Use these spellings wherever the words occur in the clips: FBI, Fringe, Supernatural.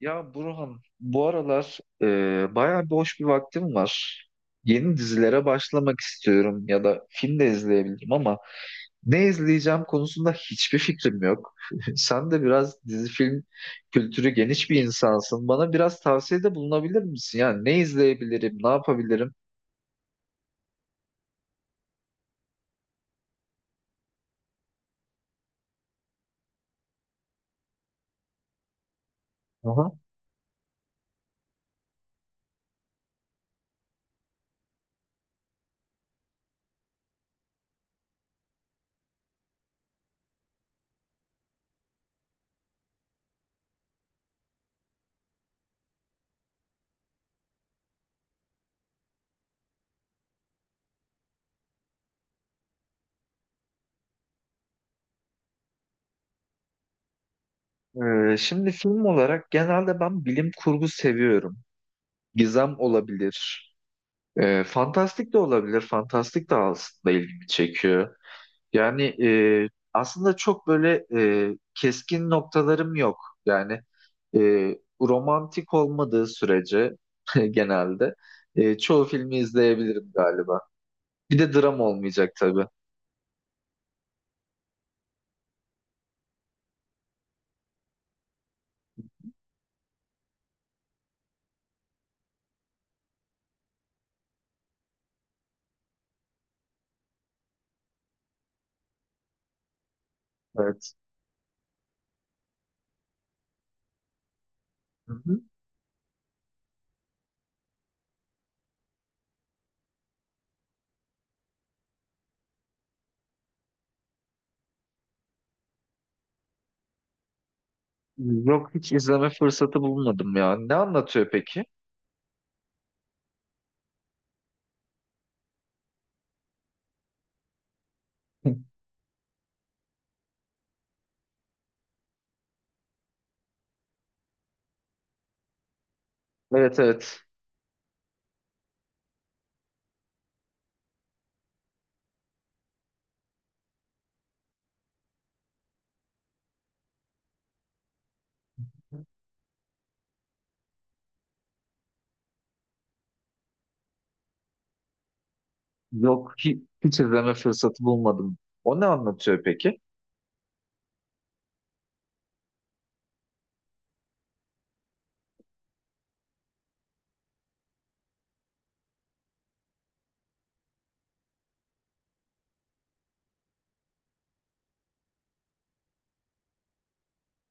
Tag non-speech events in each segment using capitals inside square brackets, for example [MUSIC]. Ya Burhan, bu aralar bayağı boş bir vaktim var. Yeni dizilere başlamak istiyorum ya da film de izleyebilirim ama ne izleyeceğim konusunda hiçbir fikrim yok. [LAUGHS] Sen de biraz dizi film kültürü geniş bir insansın. Bana biraz tavsiyede bulunabilir misin? Yani ne izleyebilirim, ne yapabilirim? Aha. Şimdi film olarak genelde ben bilim kurgu seviyorum. Gizem olabilir. Fantastik de olabilir. Fantastik de aslında ilgimi çekiyor. Yani aslında çok böyle keskin noktalarım yok. Yani e, romantik olmadığı sürece [LAUGHS] genelde çoğu filmi izleyebilirim galiba. Bir de dram olmayacak tabii. Evet. Hı hı. Yok, hiç izleme fırsatı bulmadım ya. Ne anlatıyor peki? [LAUGHS] Evet, evet. Yok, hiç izleme fırsatı bulmadım. O ne anlatıyor peki?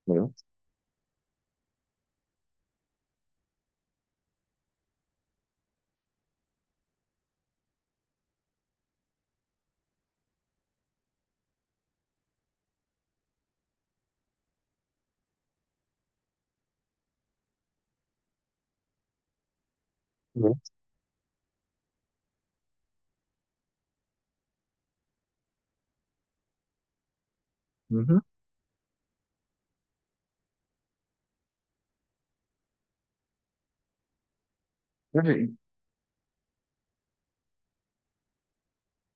Evet. Evet. Hı hı.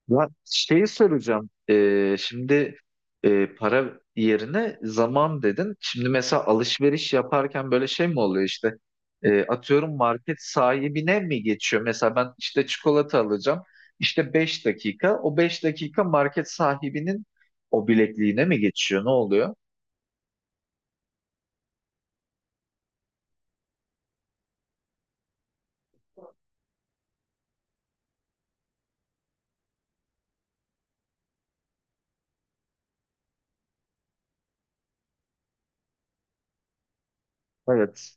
Ya şeyi soracağım. Şimdi para yerine zaman dedin. Şimdi mesela alışveriş yaparken böyle şey mi oluyor işte? Atıyorum, market sahibine mi geçiyor? Mesela ben işte çikolata alacağım. İşte 5 dakika. O 5 dakika market sahibinin o bilekliğine mi geçiyor? Ne oluyor? Evet.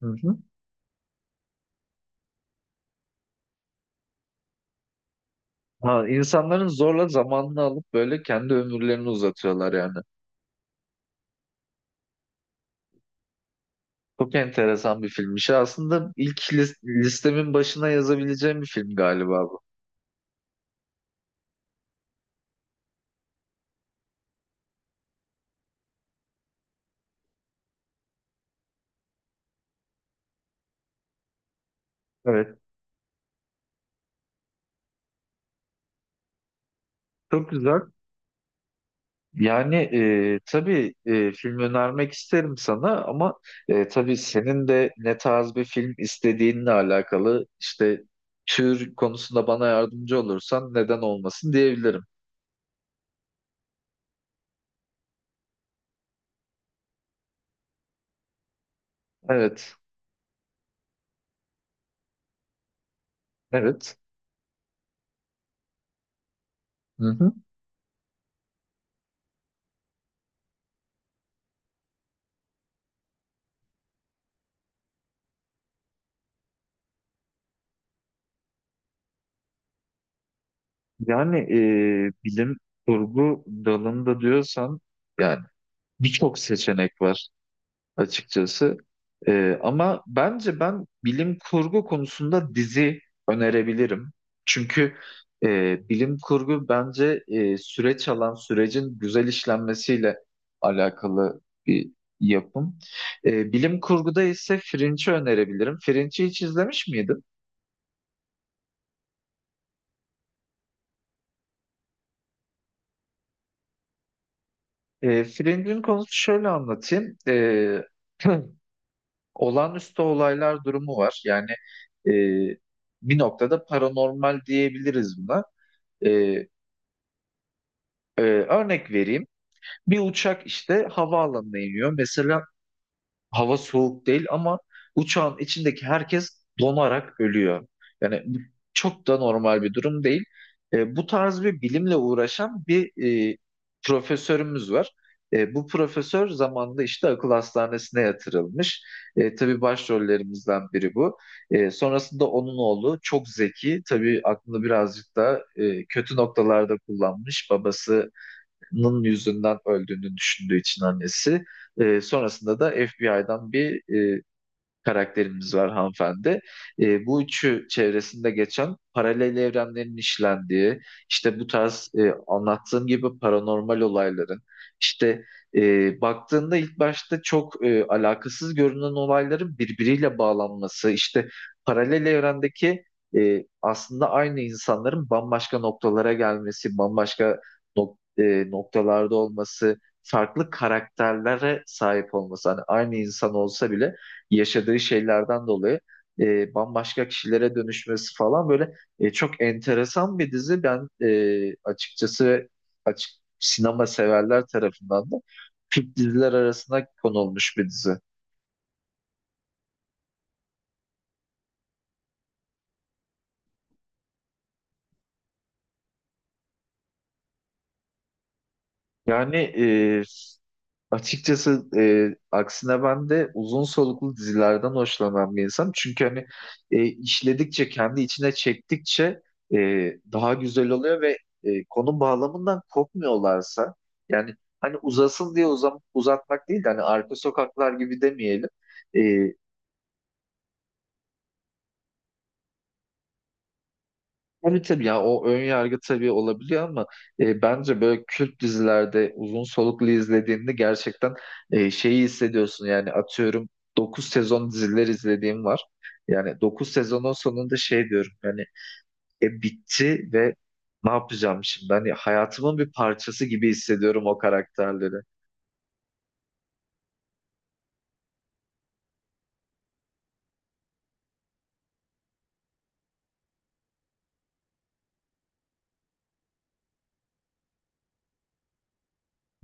Hı hı. Ha, insanların zorla zamanını alıp böyle kendi ömürlerini uzatıyorlar yani. Çok enteresan bir filmmiş. Aslında ilk listemin başına yazabileceğim bir film galiba bu. Evet, çok güzel. Yani tabii film önermek isterim sana ama tabii senin de ne tarz bir film istediğinle alakalı işte tür konusunda bana yardımcı olursan neden olmasın diyebilirim. Evet, evet. Hı hı. Yani bilim kurgu dalında diyorsan yani birçok seçenek var, açıkçası. Ama bence ben bilim kurgu konusunda dizi önerebilirim. Çünkü bilim kurgu bence süreç alan sürecin güzel işlenmesiyle alakalı bir yapım. Bilim kurguda ise Fringe'i önerebilirim. Fringe'i hiç izlemiş miydin? Fringe'in konusu şöyle anlatayım. [CLEARS THROAT] Olağanüstü olaylar durumu var. Yani e, bir noktada paranormal diyebiliriz buna. Ee, Örnek vereyim. Bir uçak işte havaalanına iniyor. Mesela hava soğuk değil ama uçağın içindeki herkes donarak ölüyor. Yani bu çok da normal bir durum değil. Bu tarz bir bilimle uğraşan bir e, profesörümüz var. Bu profesör zamanında işte akıl hastanesine yatırılmış. Tabii başrollerimizden biri bu. Sonrasında onun oğlu çok zeki. Tabii aklını birazcık da kötü noktalarda kullanmış. Babası Nın yüzünden öldüğünü düşündüğü için annesi. Sonrasında da FBI'dan bir karakterimiz var hanımefendi. Bu üçü çevresinde geçen paralel evrenlerin işlendiği, işte bu tarz anlattığım gibi paranormal olayların, işte baktığında ilk başta çok alakasız görünen olayların birbiriyle bağlanması, işte paralel evrendeki aslında aynı insanların bambaşka noktalara gelmesi, bambaşka noktalarda olması, farklı karakterlere sahip olması, hani aynı insan olsa bile yaşadığı şeylerden dolayı bambaşka kişilere dönüşmesi falan, böyle çok enteresan bir dizi. Ben açıkçası açık sinema severler tarafından da Türk diziler arasına konulmuş bir dizi. Yani Açıkçası e, aksine ben de uzun soluklu dizilerden hoşlanan bir insanım. Çünkü hani işledikçe, kendi içine çektikçe e, daha güzel oluyor ve konu bağlamından kopmuyorlarsa yani hani uzasın diye uzatmak değil de hani arka sokaklar gibi demeyelim. E, Tabii tabii ya, o ön yargı tabii olabiliyor ama bence böyle Kürt dizilerde uzun soluklu izlediğinde gerçekten şeyi hissediyorsun yani, atıyorum, 9 sezon diziler izlediğim var. Yani 9 sezonun sonunda şey diyorum yani bitti ve ne yapacağım şimdi? Hani hayatımın bir parçası gibi hissediyorum o karakterleri.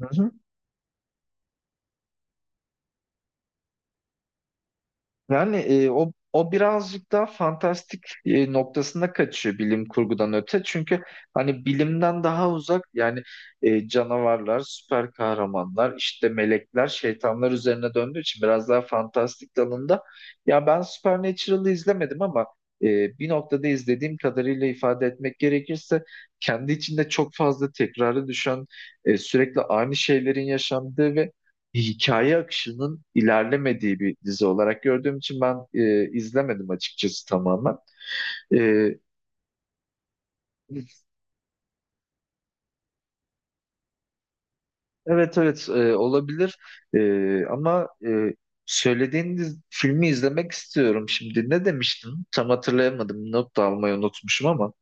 Hı hı. Yani o birazcık daha fantastik noktasında kaçıyor bilim kurgudan öte. Çünkü hani bilimden daha uzak yani canavarlar, süper kahramanlar, işte melekler, şeytanlar üzerine döndüğü için biraz daha fantastik dalında. Ya ben Supernatural'ı izlemedim ama bir noktada izlediğim kadarıyla ifade etmek gerekirse kendi içinde çok fazla tekrarı düşen, sürekli aynı şeylerin yaşandığı ve hikaye akışının ilerlemediği bir dizi olarak gördüğüm için ben izlemedim açıkçası tamamen. E, evet, evet, olabilir. Ama söylediğiniz filmi izlemek istiyorum şimdi. Ne demiştin? Tam hatırlayamadım. Not da almayı unutmuşum ama.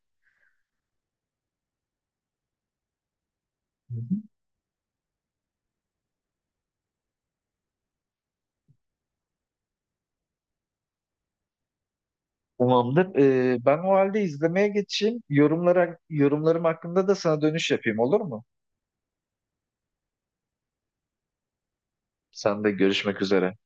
Hı hı. Tamamdır. Ben o halde izlemeye geçeyim. Yorumlara, yorumlarım hakkında da sana dönüş yapayım, olur mu? Sen de görüşmek üzere.